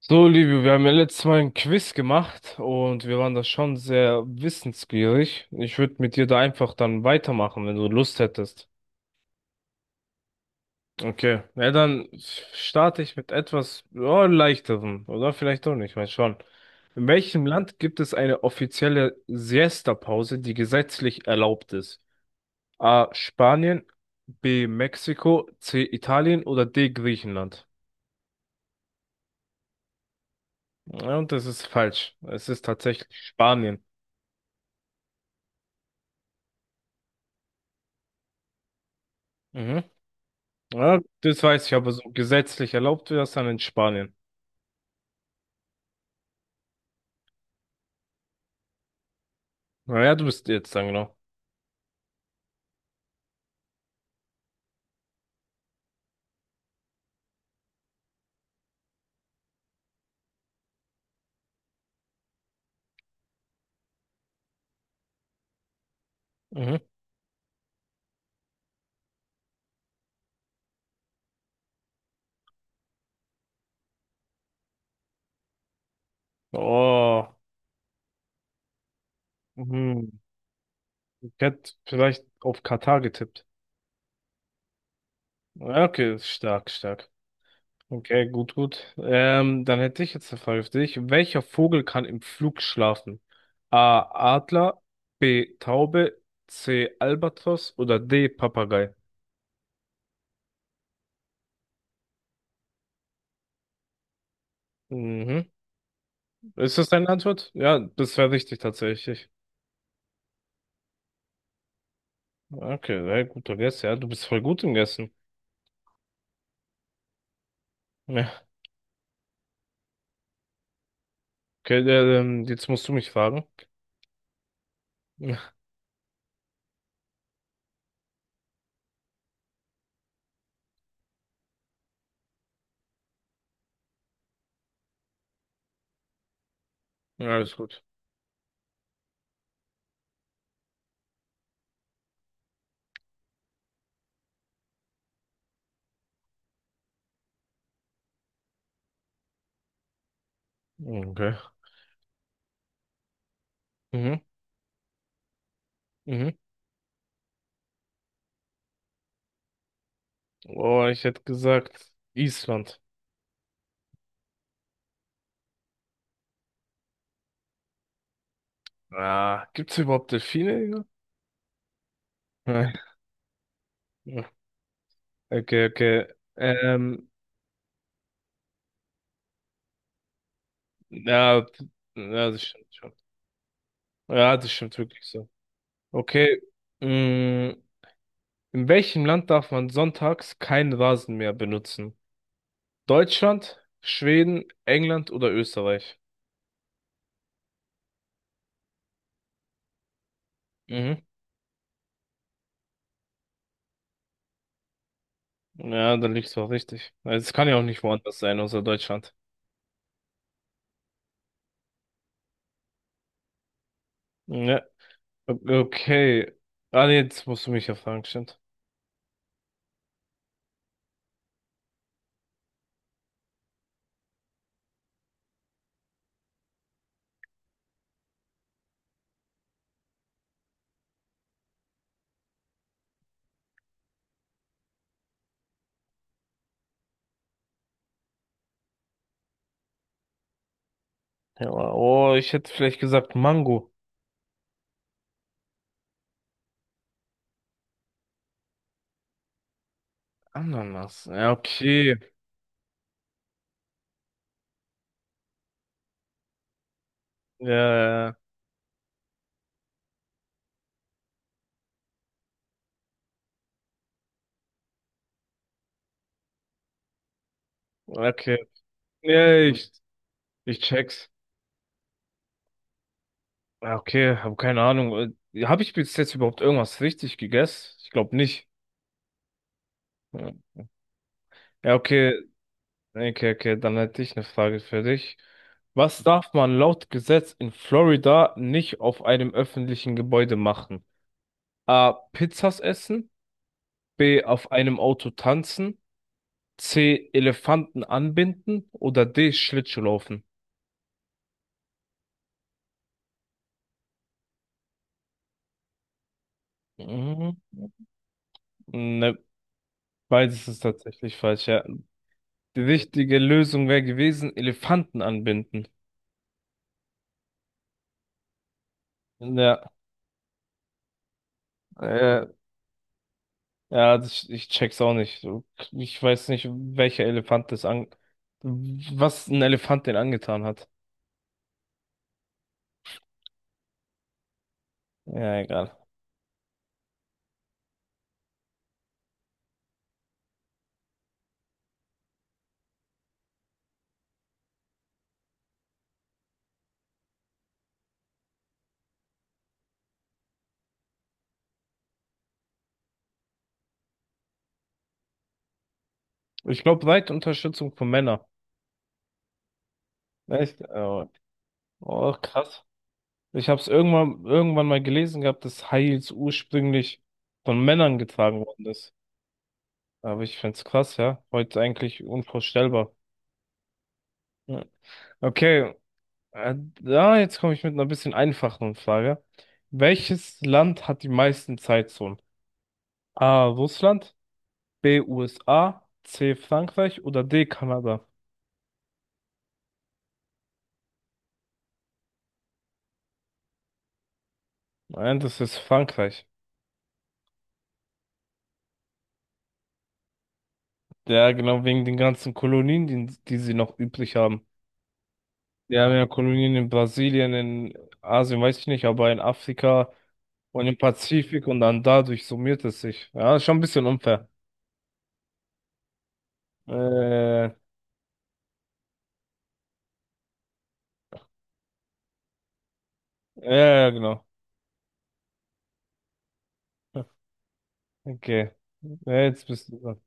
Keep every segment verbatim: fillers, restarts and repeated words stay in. So, Livio, wir haben ja letztes Mal ein Quiz gemacht und wir waren da schon sehr wissensgierig. Ich würde mit dir da einfach dann weitermachen, wenn du Lust hättest. Okay, ja, dann starte ich mit etwas ja, leichterem, oder vielleicht auch nicht, mal schauen. In welchem Land gibt es eine offizielle Siesta-Pause, die gesetzlich erlaubt ist? A. Spanien, B. Mexiko, C. Italien oder D. Griechenland? Ja, und das ist falsch. Es ist tatsächlich Spanien. Mhm. Ja, das weiß ich, aber so gesetzlich erlaubt wird das dann in Spanien. Naja, du bist jetzt dann genau. Mhm. Oh, mhm. Ich hätte vielleicht auf Katar getippt. Ja, okay, ist stark, stark. Okay, gut, gut. Ähm, dann hätte ich jetzt eine Frage für dich. Welcher Vogel kann im Flug schlafen? A. Adler, B. Taube, C. Albatros oder D. Papagei? Mhm. Ist das deine Antwort? Ja, das wäre richtig tatsächlich. Okay, sehr guter Guess. Ja, du bist voll gut im Guessen. Ja. Okay, äh, ähm, jetzt musst du mich fragen. Ja, alles gut. Okay. Mhm, mhm. Oh, ich hätte gesagt, Island. Ah, gibt's überhaupt Delfine? Digga? Nein. Ja. Okay, okay. Ähm, ja, ja, das stimmt schon. Ja, das stimmt wirklich so. Okay. mm, in welchem Land darf man sonntags keinen Rasen mehr benutzen? Deutschland, Schweden, England oder Österreich? Mhm. Ja, da liegst du auch richtig. Also, es kann ja auch nicht woanders sein, außer Deutschland. Ja, okay. Ah, nee, jetzt musst du mich ja fragen, stimmt. Ja, oh, ich hätte vielleicht gesagt Mango. Ananas. Ja, okay. Ja, ja, ja. Okay. Ja, ich, ich check's. Ja, okay, habe keine Ahnung. Äh, Hab ich bis jetzt überhaupt irgendwas richtig gegessen? Ich glaube nicht. Ja, ja, okay. Okay, okay, dann hätte ich eine Frage für dich. Was darf man laut Gesetz in Florida nicht auf einem öffentlichen Gebäude machen? A. Pizzas essen, B. auf einem Auto tanzen, C. Elefanten anbinden oder D. Schlittschuh laufen? Mhm. Ne, beides ist tatsächlich falsch, ja. Die richtige Lösung wäre gewesen, Elefanten anbinden. Ja, äh, Ja, das, ich check's auch nicht. So, ich weiß nicht, welcher Elefant das an, was ein Elefant den angetan hat. Ja, egal. Ich glaube, breite Unterstützung von Männern. Echt? Oh, oh, krass. Ich habe es irgendwann, irgendwann mal gelesen gehabt, dass High Heels ursprünglich von Männern getragen worden ist. Aber ich find's krass, ja. Heute eigentlich unvorstellbar. Ja. Okay, äh, da jetzt komme ich mit einer bisschen einfacheren Frage. Welches Land hat die meisten Zeitzonen? A. Russland. B. U S A, C. Frankreich oder D. Kanada? Nein, das ist Frankreich. Ja, genau wegen den ganzen Kolonien, die, die sie noch übrig haben. Die haben ja Kolonien in Brasilien, in Asien, weiß ich nicht, aber in Afrika und im Pazifik und dann dadurch summiert es sich. Ja, ist schon ein bisschen unfair. Äh, ja, ja, genau. Okay. Ja, jetzt bist du dran.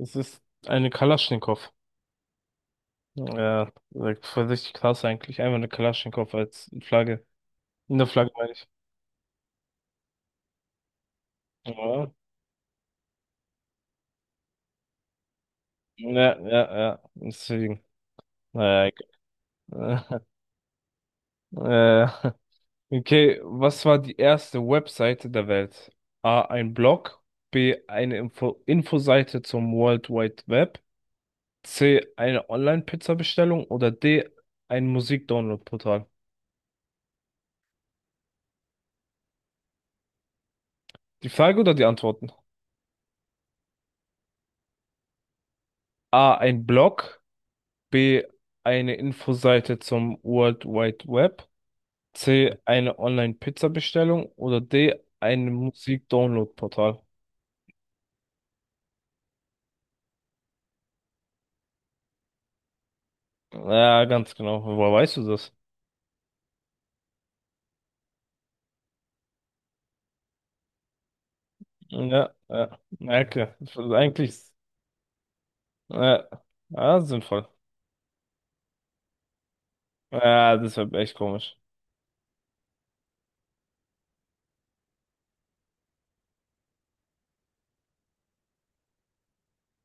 Es ist eine Kalaschnikow. Ja, voll richtig krass eigentlich. Einfach eine Kalaschnikow als Flagge. In der Flagge meine ich. Ja. Ja, ja, ja. Deswegen. Naja, egal. äh, äh, okay, was war die erste Webseite der Welt? A, ein Blog, B, eine Info Infoseite zum World Wide Web, C, eine Online-Pizza-Bestellung oder D, ein Musik-Download-Portal? Die Frage oder die Antworten? A, ein Blog, B, eine Infoseite zum World Wide Web, C, eine Online-Pizza-Bestellung oder D, ein Musik-Download-Portal? Ja, ganz genau. Woher weißt du das? Ja, ja. Ja, okay. Eigentlich, ja, ja, sinnvoll. Ja, das wäre echt komisch.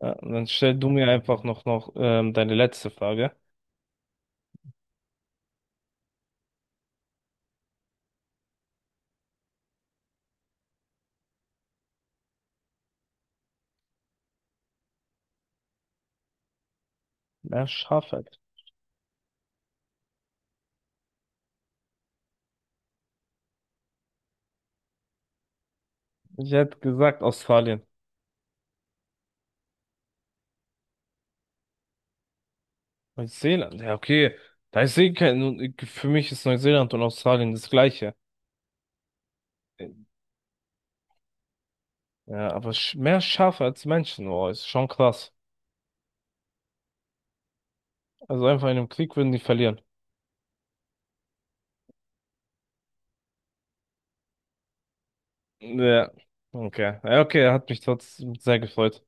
Ja, dann stell du mir einfach noch, noch ähm, deine letzte Frage. Ja, Schafheit. Ich hätte gesagt Australien. Neuseeland. Ja, okay. Da ist eh kein, nun, für mich ist Neuseeland und Australien das Gleiche. Ja, aber sch- mehr Schafe als Menschen, oh, ist schon krass. Also einfach in einem Krieg würden die verlieren. Ja, okay. Ja, okay, hat mich trotzdem sehr gefreut.